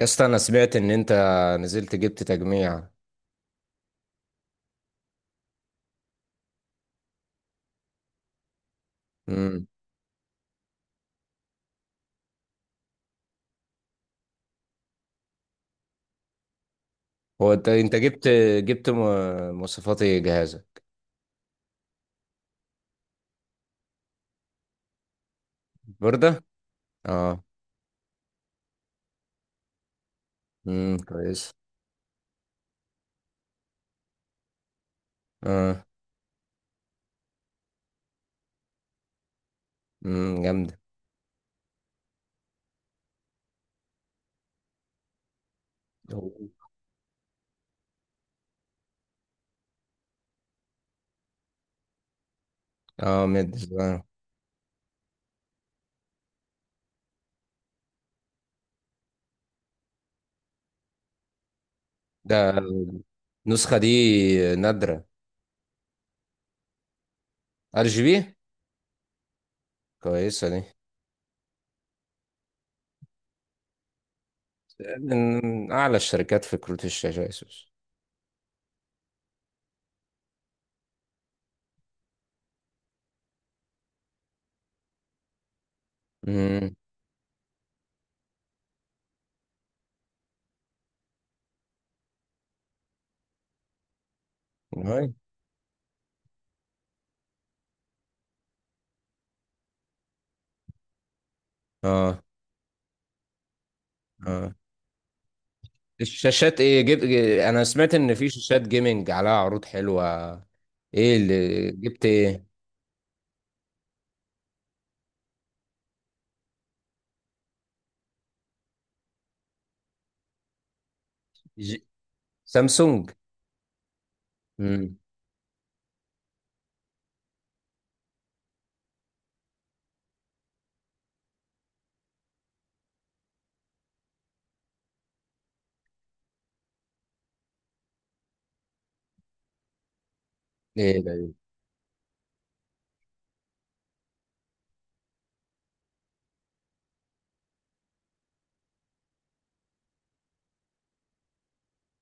يا اسطى، انا سمعت ان انت نزلت جبت تجميع. امم هو انت جبت مواصفات ايه جهازك؟ برده. اه. كويس. اه. جامده. اه مد. آه. ده، النسخه دي نادره. ار جي بي، كويسه دي. من اعلى الشركات في كروت الشاشه اسوس. امم اه. اه. الشاشات ايه جبت؟ انا سمعت ان في شاشات جيمنج عليها عروض حلوة. ايه اللي جبت ايه؟ ج... سامسونج. امم ايه ده إيه؟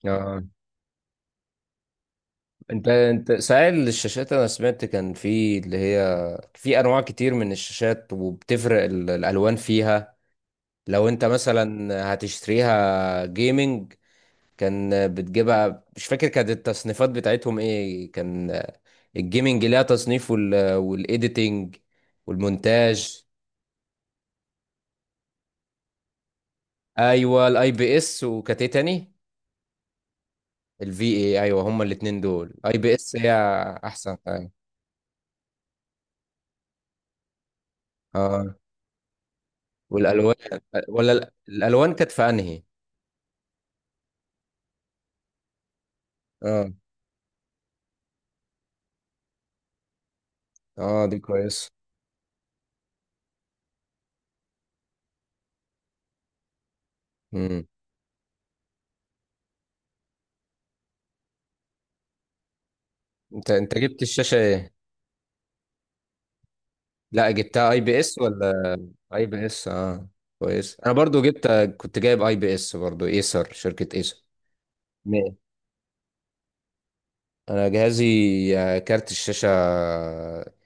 اه. انت سائل الشاشات، انا سمعت كان في اللي هي، في انواع كتير من الشاشات وبتفرق الالوان فيها. لو انت مثلا هتشتريها جيمنج، كان بتجيبها مش فاكر كانت التصنيفات بتاعتهم ايه. كان الجيمنج ليها تصنيف والايديتنج والمونتاج. ايوه، الاي بي اس. وكانت ايه تاني؟ الفي اي، ايوه، هما الاتنين دول اي بي اس، هي. احسن، ايوه. اه، والالوان، ولا الالوان كانت في انهي؟ اه. اه، دي كويس. امم انت جبت الشاشه ايه؟ لا، جبتها اي بي اس ولا؟ اي بي اس، اه. كويس، انا برضو جبت، كنت جايب اي بي اس برضو، ايسر، شركه ايسر. مية. انا جهازي، كارت الشاشه،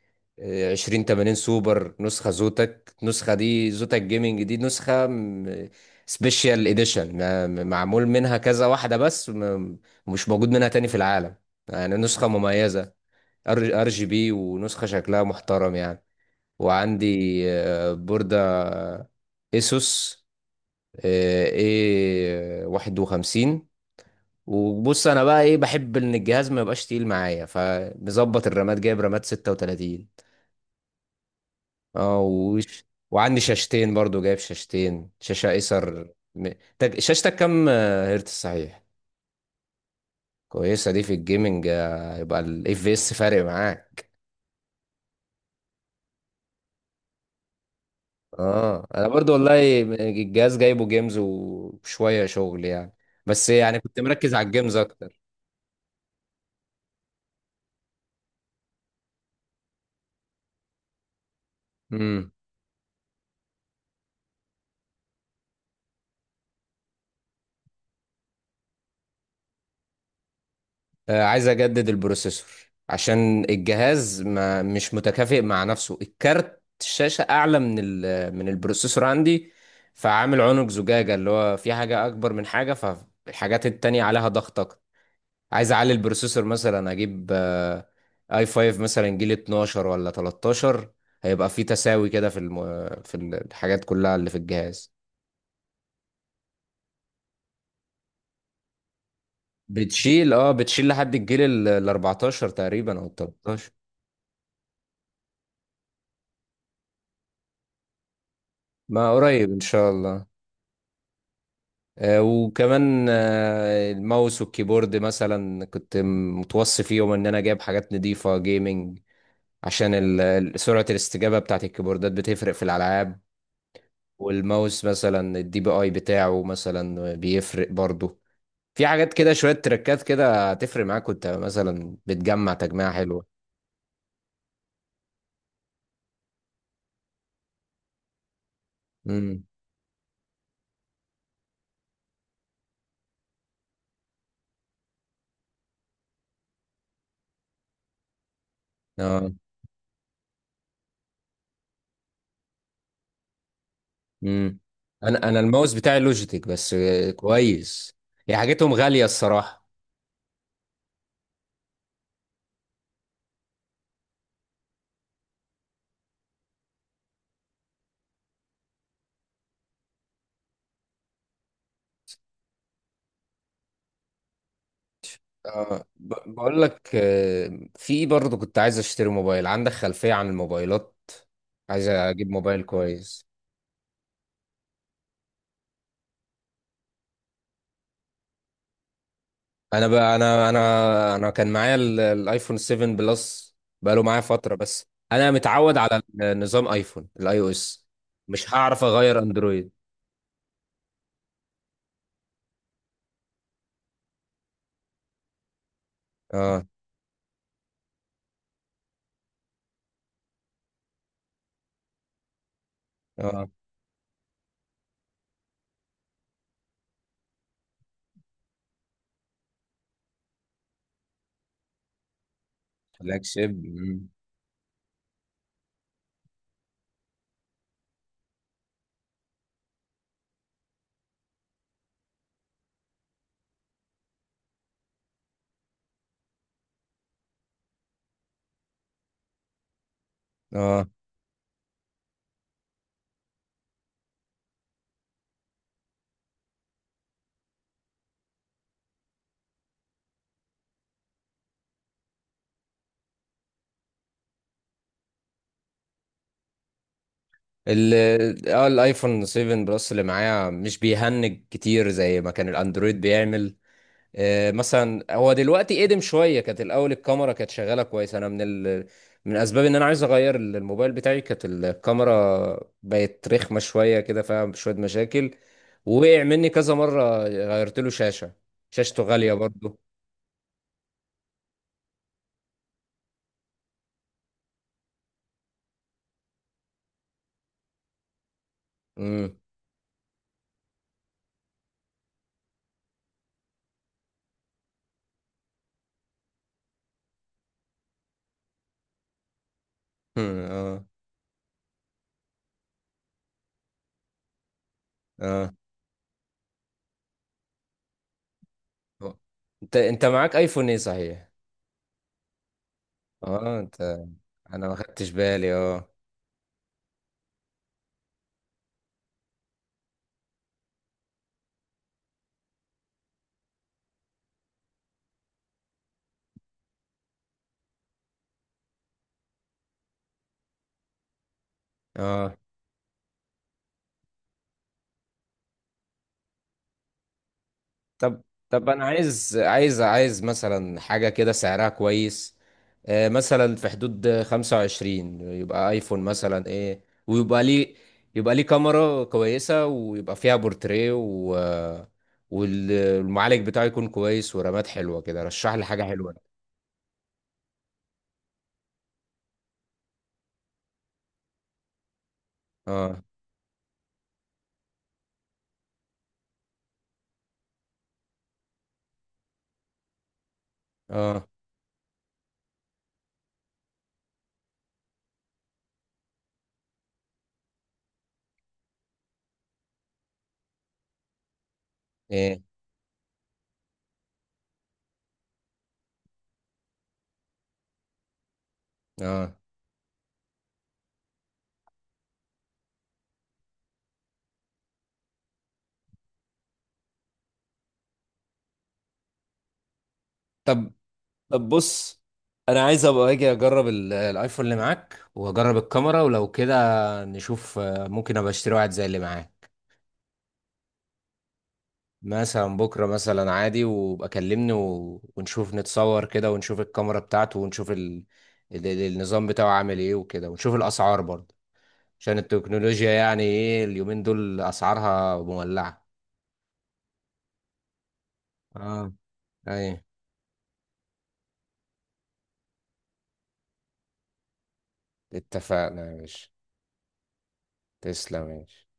2080 سوبر، نسخة زوتك، النسخة دي زوتك جيمنج، دي نسخة سبيشال اديشن، معمول منها كذا واحدة بس، مش موجود منها تاني في العالم، يعني نسخة مميزة. ار جي بي، ونسخة شكلها محترم يعني. وعندي بوردة اسوس ايه 51. وبص انا بقى ايه، بحب ان الجهاز ما يبقاش تقيل معايا، فمظبط الرامات، جايب رامات 36. اه وش. وعندي شاشتين برضو، جايب شاشتين، شاشة ايسر شاشتك كام هرتز صحيح؟ كويسة دي في الجيمنج، يبقى الاف في اس فارق معاك. اه، انا برضو والله الجهاز جايبه جيمز وشوية شغل يعني، بس يعني كنت مركز على الجيمز اكتر. مم. عايز اجدد البروسيسور عشان الجهاز ما مش متكافئ مع نفسه، الكارت الشاشة اعلى من من البروسيسور عندي، فعامل عنق زجاجة، اللي هو في حاجة اكبر من حاجة، فالحاجات التانية عليها ضغط اكتر. عايز اعلي البروسيسور، مثلا اجيب اي 5 مثلا جيل 12 ولا 13، هيبقى في تساوي كده في الحاجات كلها اللي في الجهاز. بتشيل لحد الجيل ال 14 تقريبا او ال 13. ما قريب ان شاء الله. وكمان الماوس والكيبورد، مثلا كنت متوصي فيهم ان انا جايب حاجات نضيفة جيمنج، عشان سرعة الاستجابة بتاعت الكيبوردات بتفرق في الالعاب. والماوس مثلا الدي بي اي بتاعه مثلا بيفرق برضه. في حاجات كده، شوية تركات كده هتفرق معاك وانت مثلا بتجمع تجميعة حلوة. امم اه. امم انا الماوس بتاعي لوجيتك بس، كويس. هي حاجتهم غالية الصراحة. بقول لك، في برضه كنت عايز اشتري موبايل. عندك خلفية عن الموبايلات؟ عايز اجيب موبايل كويس. انا بقى، انا كان معايا الايفون 7 بلس، بقاله معايا فترة بس، انا متعود على نظام ايفون الاي او اس، مش هعرف اغير اندرويد. اه. اه، فلاج شيب. مم. اه، ال اه الايفون 7 بلس اللي معايا مش بيهنج كتير زي ما كان الاندرويد بيعمل. مثلا هو دلوقتي قدم شويه، كانت الاول الكاميرا كانت شغاله كويس. انا من اسباب ان انا عايز اغير الموبايل بتاعي كانت الكاميرا، بقت رخمه شويه كده، فيها شويه مشاكل. وقع مني كذا مره، غيرت له شاشه، شاشته غاليه برضه. امم اه. اه، انت معاك ايفون ايه صحيح؟ اه، انت. انا ما خدتش بالي، اه. اه. طب طب انا عايز مثلا حاجة كده سعرها كويس، مثلا في حدود 25. يبقى ايفون مثلا ايه؟ ويبقى ليه، يبقى ليه كاميرا كويسة، ويبقى فيها بورتريه، والمعالج بتاعه يكون كويس ورامات حلوة كده. رشح لي حاجة حلوة. اه. اه. ايه. اه. طب طب بص، انا عايز ابقى اجي اجرب الايفون اللي معاك، واجرب الكاميرا ولو كده، نشوف ممكن ابقى اشتري واحد زي اللي معاك. مثلا بكرة، مثلا عادي، وابقى كلمني ونشوف، نتصور كده ونشوف الكاميرا بتاعته، ونشوف النظام بتاعه عامل ايه، وكده ونشوف الأسعار برضه، عشان التكنولوجيا يعني ايه اليومين دول أسعارها مولعة. اه. ايه. اتفقنا يا باشا. تسلم يا باشا.